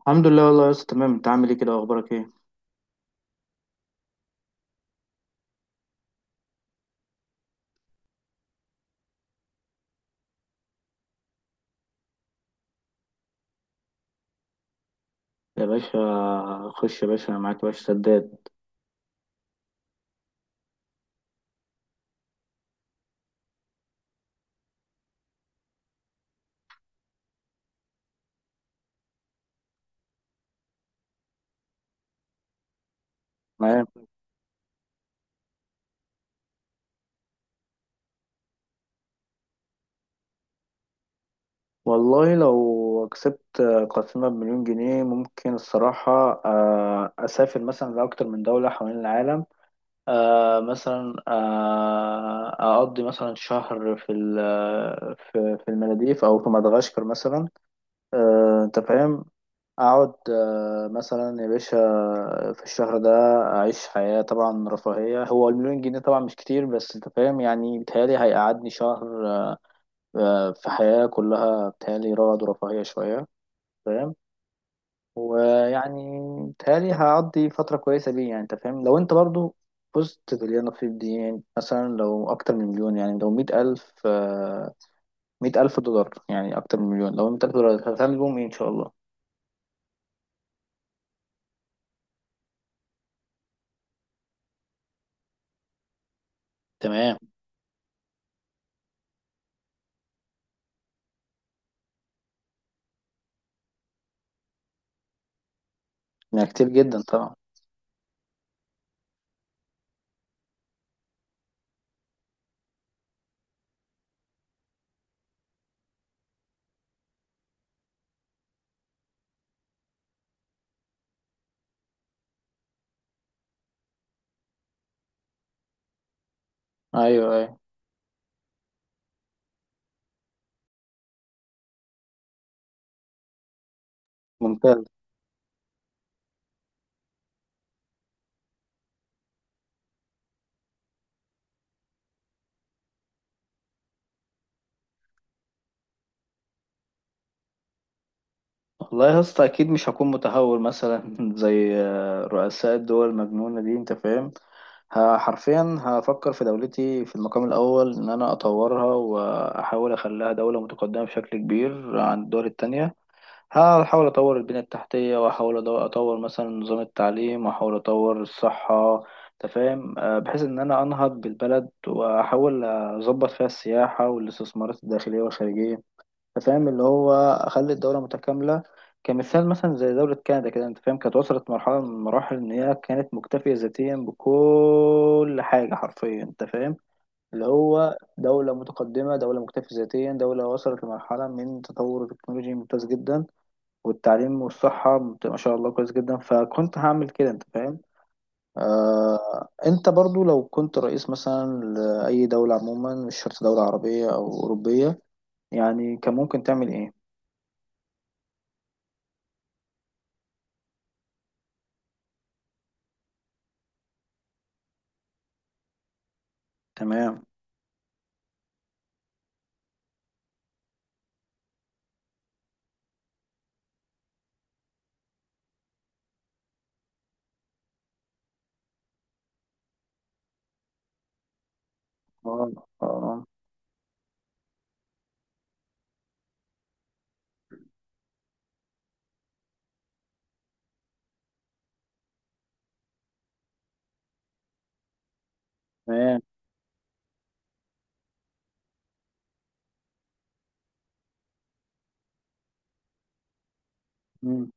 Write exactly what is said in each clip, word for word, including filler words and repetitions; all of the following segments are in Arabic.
الحمد لله والله يا اسطى، تمام. انت عامل ايه كده واخبارك ايه؟ يا باشا، خش يا باشا، انا معاك يا باشا. سداد. معاك. والله لو كسبت قسيمة بمليون جنيه، ممكن الصراحة آه، أسافر مثلا لأكتر من دولة حوالين العالم. آه، مثلا آه، أقضي مثلا شهر في ال- آه، في في المالديف أو في مدغشقر مثلا. آه، أنت فاهم. اقعد آه، مثلا يا باشا، في الشهر ده. اعيش حياة طبعا رفاهية. هو المليون جنيه طبعا مش كتير، بس انت فاهم، يعني بيتهيألي هيقعدني شهر آه، في حياة كلها بيتهيألي رغد ورفاهية شوية. فاهم. ويعني بيتهيألي هقضي فترة كويسة بيه، يعني انت فاهم. لو انت برضو فزت باللي انا فيه دي، يعني مثلا لو اكتر من مليون، يعني لو مية الف آه، مية الف دولار، يعني اكتر من مليون. لو مية الف دولار هتعمل بيهم ايه ان شاء الله؟ تمام. يعني كتير جدا طبعا. ايوه ايوه. ممتاز والله. يا اسطى، اكيد مش هكون متهور مثلا زي آه، رؤساء الدول المجنونه دي. انت فاهم. ه- حرفيا هفكر في دولتي في المقام الاول، ان انا اطورها واحاول اخليها دوله متقدمه بشكل كبير عن الدول التانية. هحاول اطور البنيه التحتيه، واحاول أدو- اطور مثلا نظام التعليم، واحاول اطور الصحه. انت فاهم. آه، بحيث ان انا انهض بالبلد واحاول اظبط فيها السياحه والاستثمارات الداخليه والخارجيه. انت فاهم. اللي هو اخلي الدوله متكامله. كمثال مثلا زي دوله كندا كده، انت فاهم، كانت وصلت مرحله من المراحل ان هي كانت مكتفيه ذاتيا بكل حاجه حرفيا. انت فاهم. اللي هو دوله متقدمه، دوله مكتفيه ذاتيا، دوله وصلت لمرحله من تطور التكنولوجي ممتاز جدا. والتعليم والصحه ممت- ما شاء الله كويس جدا. فكنت هعمل كده. انت فاهم. آه، انت برضو لو كنت رئيس مثلا لأي دولة عموما، مش شرط دولة عربية أو أوروبية، يعني كان ممكن تعمل ايه؟ تمام. اه. اه. تمام. مم.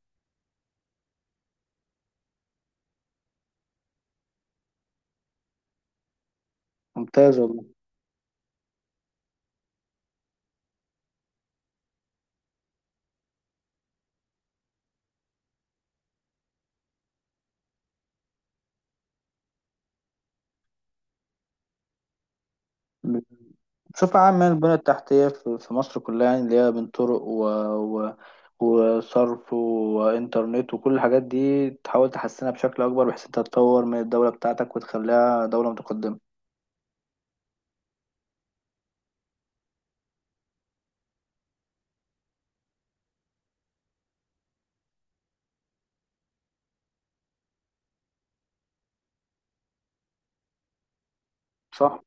ممتاز والله. بشوف عام يعني البنية التحتية في في مصر كلها، يعني اللي هي بين طرق و... و... وصرف وإنترنت وكل الحاجات دي، تحاول تحسنها بشكل أكبر بحيث أنت تطور من الدولة بتاعتك وتخليها دولة متقدمة. صح.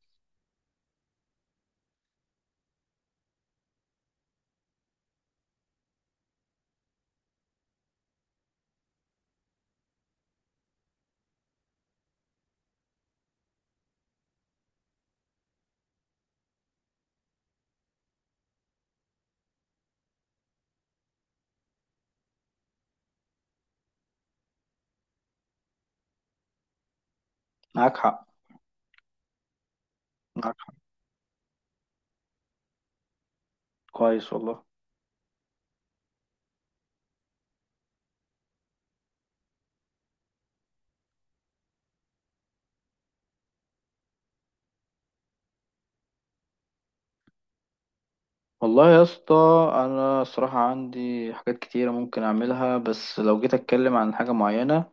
معاك حق. معاك حق. كويس والله. والله يا اسطى، أنا الصراحة عندي حاجات كتيرة ممكن أعملها، بس لو جيت أتكلم عن حاجة معينة،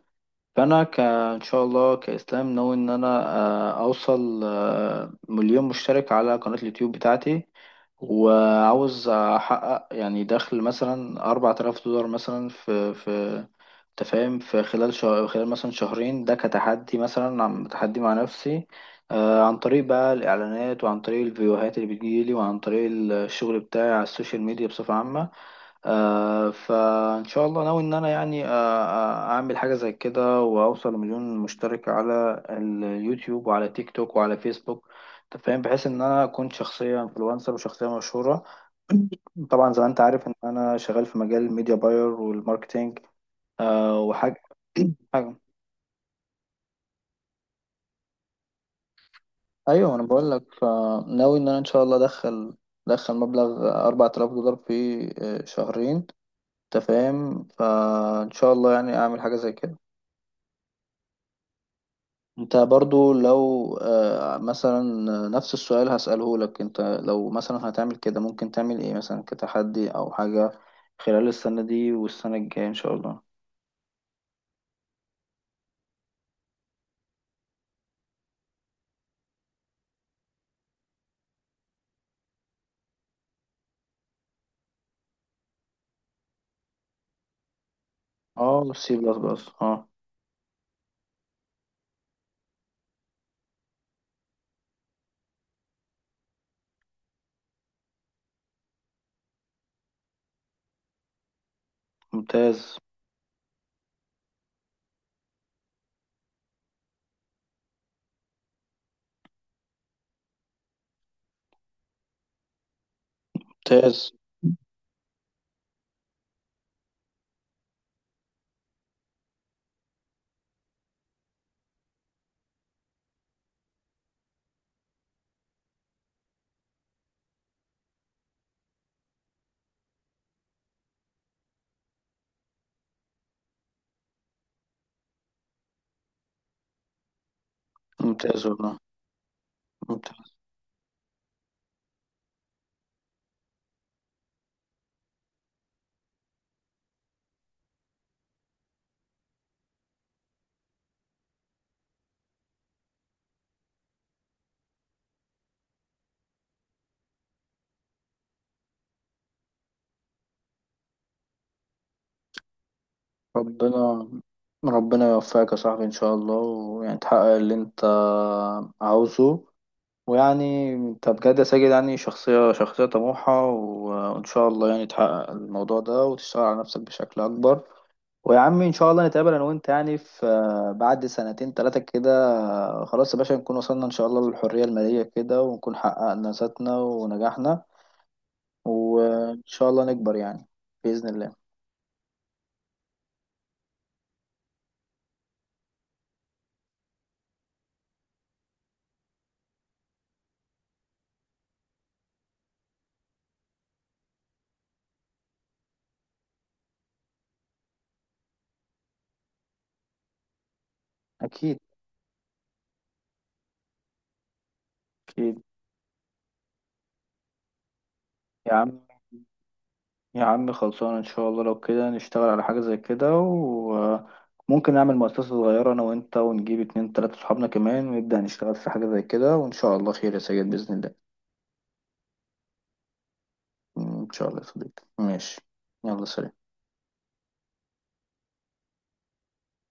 فانا ك... ان شاء الله كاسلام ناوي ان انا آه، اوصل آه، مليون مشترك على قناة اليوتيوب بتاعتي. وعاوز احقق يعني دخل مثلا أربعة آلاف دولار مثلا في في تفاهم، في خلال شهر، خلال مثلا شهرين. ده كتحدي مثلا، عم تحدي مع نفسي. آه، عن طريق بقى الإعلانات، وعن طريق الفيديوهات اللي بتجيلي، وعن طريق الشغل بتاعي على السوشيال ميديا بصفة عامة. آه فإن شاء الله ناوي إن أنا يعني آه آه، أعمل حاجة زي كده وأوصل لمليون مشترك على اليوتيوب وعلى تيك توك وعلى فيسبوك. أنت فاهم، بحيث إن أنا أكون شخصية إنفلونسر وشخصية مشهورة. طبعا زي ما أنت عارف إن أنا شغال في مجال الميديا باير والماركتينج. آه وحاجة. حاجة. أيوه، أنا بقول لك، فناوي إن أنا إن شاء الله أدخل أدخل مبلغ أربعة آلاف دولار في آه، شهرين. أنت فاهم، فإن شاء الله يعني أعمل حاجة زي كده. انت برضو لو آه، مثلا نفس السؤال هسأله لك انت، لو مثلا هتعمل كده ممكن تعمل ايه مثلا كتحدي او حاجة خلال السنة دي والسنة الجاية ان شاء الله؟ اه. سي بلس بلس اه. ممتاز. ممتاز. ممتاز والله. ممتاز. ربنا. ربنا يوفقك يا صاحبي ان شاء الله، ويعني تحقق اللي انت عاوزه. ويعني انت بجد يا ساجد، يعني شخصية شخصية طموحة و- وان شاء الله يعني تحقق الموضوع ده وتشتغل على نفسك بشكل اكبر. ويا عم ان شاء الله نتقابل انا وانت يعني في بعد سنتين ثلاثة كده. خلاص يا باشا، نكون وصلنا ان شاء الله للحرية المالية كده، ونكون حققنا ذاتنا ونجحنا، وان شاء الله نكبر يعني، بإذن الله. اكيد. اكيد. يا عم. يا عم خلصان. ان شاء الله لو كده نشتغل على حاجة زي كده، وممكن نعمل مؤسسة صغيرة انا وانت، ونجيب اتنين تلاتة صحابنا كمان، ونبدأ نشتغل في حاجة زي كده، وان شاء الله خير يا سيد بإذن الله. ان شاء الله يا صديقي. ماشي. يلا سلام.